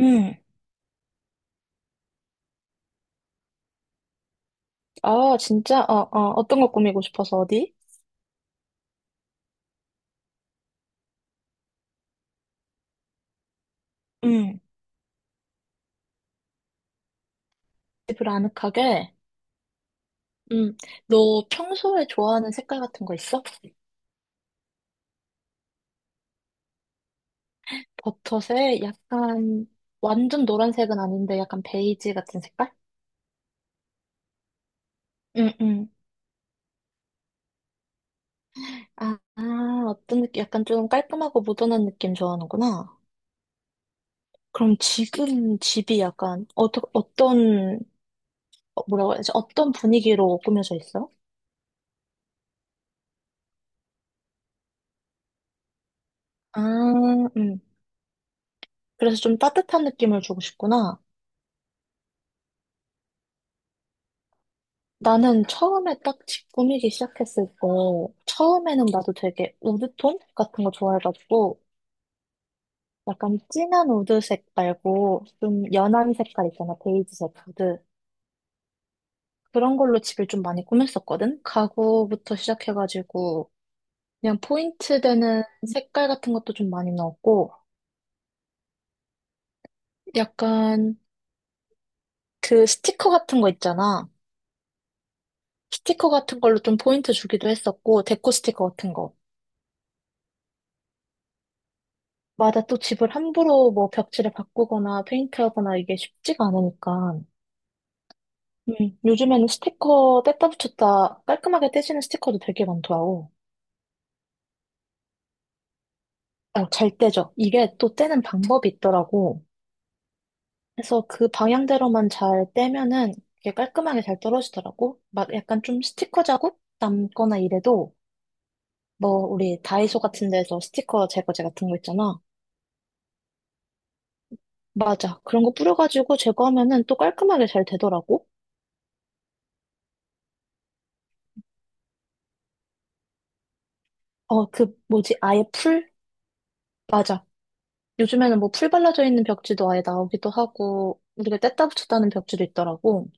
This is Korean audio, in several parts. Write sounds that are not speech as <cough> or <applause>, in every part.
응, 아, 진짜? 어떤 거 꾸미고 싶어서 어디? 응. 집을 아늑하게? 응. 너 평소에 좋아하는 색깔 같은 거 있어? 버섯에 약간 완전 노란색은 아닌데 약간 베이지 같은 색깔? 응, 응. 아, 아, 어떤 느낌? 약간 좀 깔끔하고 모던한 느낌 좋아하는구나. 그럼 지금 집이 약간 어떤 뭐라고 해야지? 어떤 분위기로 꾸며져 있어? 아, 음. 그래서 좀 따뜻한 느낌을 주고 싶구나. 나는 처음에 딱 집 꾸미기 시작했을 때, 처음에는 나도 되게 우드톤 같은 거 좋아해가지고, 약간 진한 우드색 말고, 좀 연한 색깔 있잖아, 베이지색 우드. 그런 걸로 집을 좀 많이 꾸몄었거든? 가구부터 시작해가지고, 그냥 포인트 되는 색깔 같은 것도 좀 많이 넣었고, 약간 그 스티커 같은 거 있잖아. 스티커 같은 걸로 좀 포인트 주기도 했었고, 데코 스티커 같은 거. 맞아. 또 집을 함부로 뭐 벽지를 바꾸거나 페인트하거나 이게 쉽지가 않으니까. 요즘에는 스티커 뗐다 붙였다 깔끔하게 떼지는 스티커도 되게 많더라고. 어, 잘 떼죠. 이게 또 떼는 방법이 있더라고. 그래서 그 방향대로만 잘 떼면은 이게 깔끔하게 잘 떨어지더라고. 막 약간 좀 스티커 자국 남거나 이래도 뭐 우리 다이소 같은 데서 스티커 제거제 같은 거 있잖아. 맞아. 그런 거 뿌려가지고 제거하면은 또 깔끔하게 잘 되더라고. 어, 그 뭐지? 아예 풀? 맞아. 요즘에는 뭐 풀 발라져 있는 벽지도 아예 나오기도 하고, 우리가 뗐다 붙였다는 벽지도 있더라고.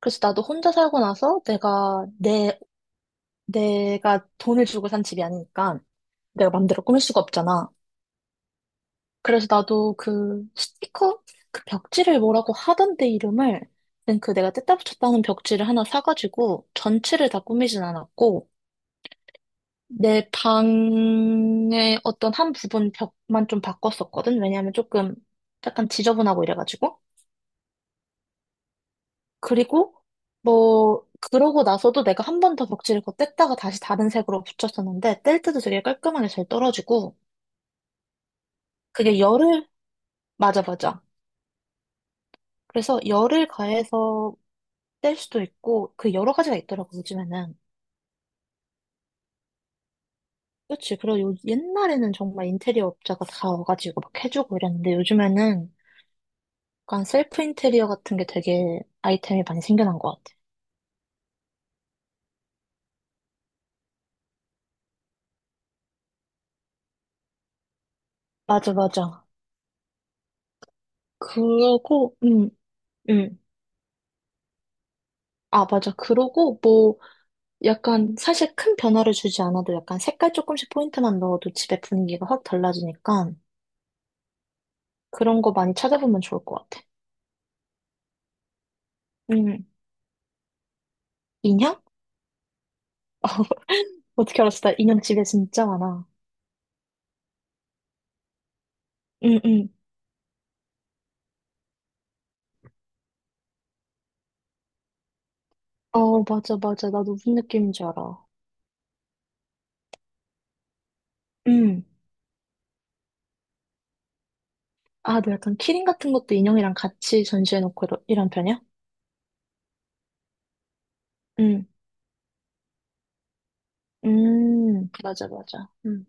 그래서 나도 혼자 살고 나서 내가 돈을 주고 산 집이 아니니까 내가 맘대로 꾸밀 수가 없잖아. 그래서 나도 그 스티커? 그 벽지를 뭐라고 하던데 이름을, 아무튼 그 내가 뗐다 붙였다는 벽지를 하나 사가지고 전체를 다 꾸미진 않았고, 내 방의 어떤 한 부분 벽만 좀 바꿨었거든. 왜냐하면 조금 약간 지저분하고 이래가지고. 그리고 뭐 그러고 나서도 내가 한 번 더 벽지를 덧뗐다가 다시 다른 색으로 붙였었는데 뗄 때도 되게 깔끔하게 잘 떨어지고 그게 열을. 맞아, 맞아. 그래서 열을 가해서 뗄 수도 있고 그 여러 가지가 있더라고 요즘에는. 그렇지. 그리고 옛날에는 정말 인테리어 업자가 다 와가지고 막 해주고 이랬는데 요즘에는 약간 셀프 인테리어 같은 게 되게 아이템이 많이 생겨난 것 같아. 맞아, 맞아. 그러고 음. 아, 맞아. 그러고 뭐 약간 사실 큰 변화를 주지 않아도 약간 색깔 조금씩 포인트만 넣어도 집의 분위기가 확 달라지니까 그런 거 많이 찾아보면 좋을 것 같아. 음, 인형? 어떻게 알았어? 나 인형 집에 진짜 많아. 응, 응. 어, 맞아, 맞아. 나도 무슨 느낌인지 알아. 응. 아, 너 약간 키링 같은 것도 인형이랑 같이 전시해놓고 이런 편이야? 응. 맞아, 맞아. 응.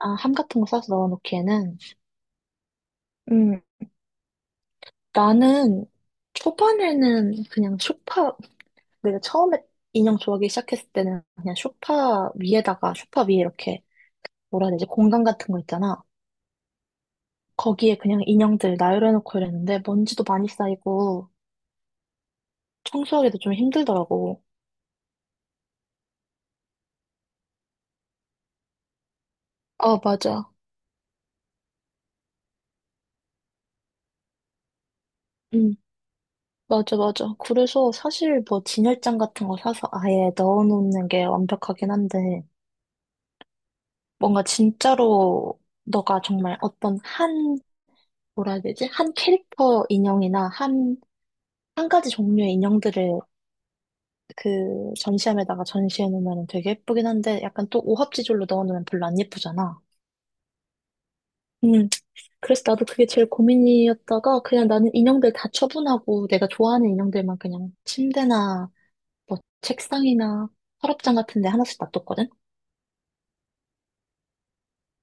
아, 함 같은 거 싸서 넣어놓기에는. 음, 나는 초반에는 그냥 소파, 내가 처음에 인형 좋아하기 시작했을 때는 그냥 소파 위에다가 소파 위에 이렇게 뭐라 해야 되지 공간 같은 거 있잖아. 거기에 그냥 인형들 나열해놓고 이랬는데 먼지도 많이 쌓이고 청소하기도 좀 힘들더라고. 아, 맞아. 응. 맞아, 맞아. 그래서 사실 뭐 진열장 같은 거 사서 아예 넣어놓는 게 완벽하긴 한데 뭔가 진짜로 너가 정말 어떤 한 뭐라 해야 되지 한 캐릭터 인형이나 한 가지 종류의 인형들을 그 전시함에다가 전시해 놓으면 되게 예쁘긴 한데 약간 또 오합지졸로 넣어 놓으면 별로 안 예쁘잖아. 음, 그래서 나도 그게 제일 고민이었다가 그냥 나는 인형들 다 처분하고 내가 좋아하는 인형들만 그냥 침대나 뭐 책상이나 서랍장 같은 데 하나씩 놔뒀거든?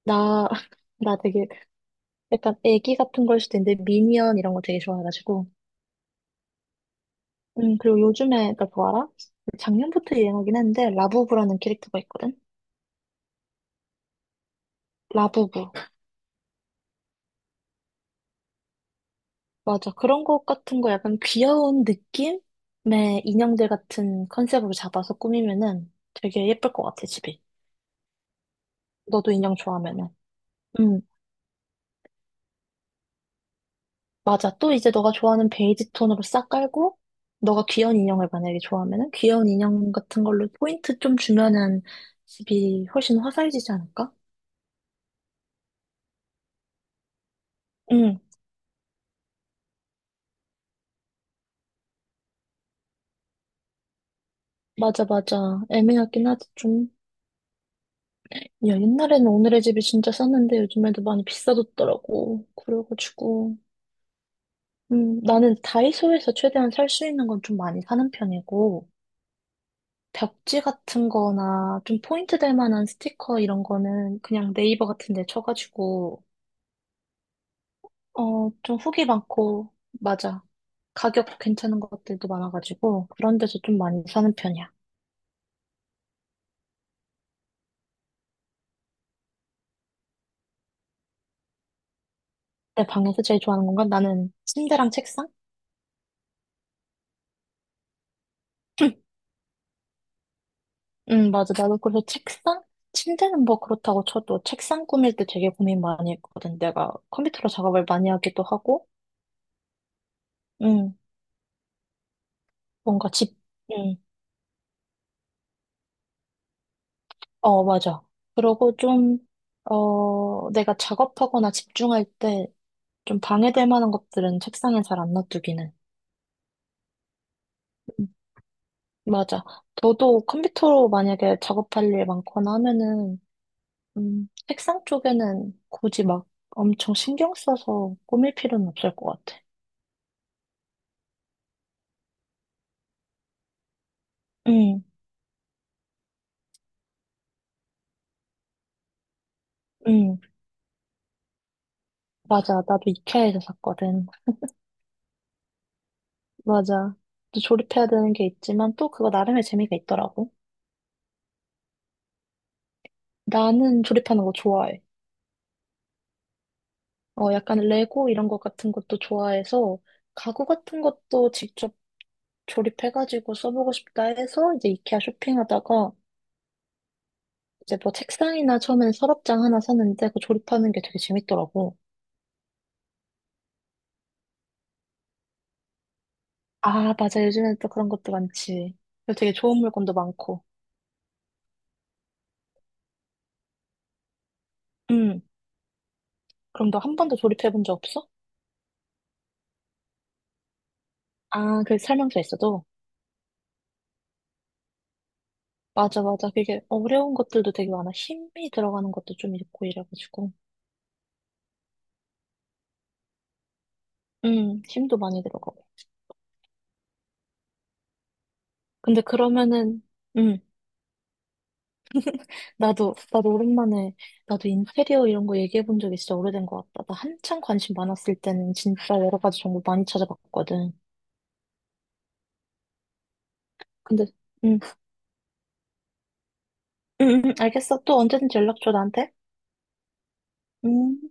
나, <laughs> 나 되게 약간 애기 같은 걸 수도 있는데 미니언 이런 거 되게 좋아해가지고. 그리고 요즘에 나 그거 알아? 작년부터 유행하긴 했는데 라부부라는 캐릭터가 있거든? 라부부. 맞아. 그런 것 같은 거 약간 귀여운 느낌의 인형들 같은 컨셉으로 잡아서 꾸미면은 되게 예쁠 것 같아, 집이. 너도 인형 좋아하면은. 응, 맞아. 또 이제 너가 좋아하는 베이지 톤으로 싹 깔고, 너가 귀여운 인형을 만약에 좋아하면은 귀여운 인형 같은 걸로 포인트 좀 주면은 집이 훨씬 화사해지지 않을까? 응, 맞아, 맞아. 애매하긴 하지, 좀. 야, 옛날에는 오늘의 집이 진짜 쌌는데 요즘에도 많이 비싸졌더라고. 그래가지고. 나는 다이소에서 최대한 살 수 있는 건 좀 많이 사는 편이고, 벽지 같은 거나 좀 포인트 될 만한 스티커 이런 거는 그냥 네이버 같은 데 쳐가지고, 좀 후기 많고, 맞아. 가격 괜찮은 것들도 많아가지고, 그런 데서 좀 많이 사는 편이야. 내 방에서 제일 좋아하는 건가? 나는 침대랑 책상? <clears throat> 응, 맞아. 나도 그래서 책상? 침대는 뭐 그렇다고 쳐도 책상 꾸밀 때 되게 고민 많이 했거든. 내가 컴퓨터로 작업을 많이 하기도 하고, 응. 뭔가 집, 응, 어, 맞아. 그러고 좀, 내가 작업하거나 집중할 때 좀 방해될 만한 것들은 책상에 잘 안 놔두기는. 음, 맞아. 너도 컴퓨터로 만약에 작업할 일 많거나 하면은, 책상 쪽에는 굳이 막 엄청 신경 써서 꾸밀 필요는 없을 것 같아. 응, 응, 맞아. 나도 이케아에서 샀거든. 맞아. 또 조립해야 되는 게 있지만 또 그거 나름의 재미가 있더라고. 나는 조립하는 거 좋아해. 어, 약간 레고 이런 것 같은 것도 좋아해서 가구 같은 것도 직접 조립해가지고 써보고 싶다 해서 이제 이케아 쇼핑하다가 이제 뭐 책상이나 처음엔 서랍장 하나 샀는데 그거 조립하는 게 되게 재밌더라고. 아, 맞아. 요즘엔 또 그런 것도 많지. 그리고 되게 좋은 물건도 많고. 음, 그럼 너 한 번도 조립해본 적 없어? 아, 그 설명서 있어도? 맞아, 맞아. 그게 어려운 것들도 되게 많아. 힘이 들어가는 것도 좀 있고 이래가지고. 힘도 많이 들어가고. 근데 그러면은, 음. 나도, 나도 오랜만에, 나도 인테리어 이런 거 얘기해 본 적이 진짜 오래된 것 같다. 나 한창 관심 많았을 때는 진짜 여러 가지 정보 많이 찾아봤거든. 근데, 응, 응, 응, 알겠어. 또 언제든지 연락 줘, 나한테. 응.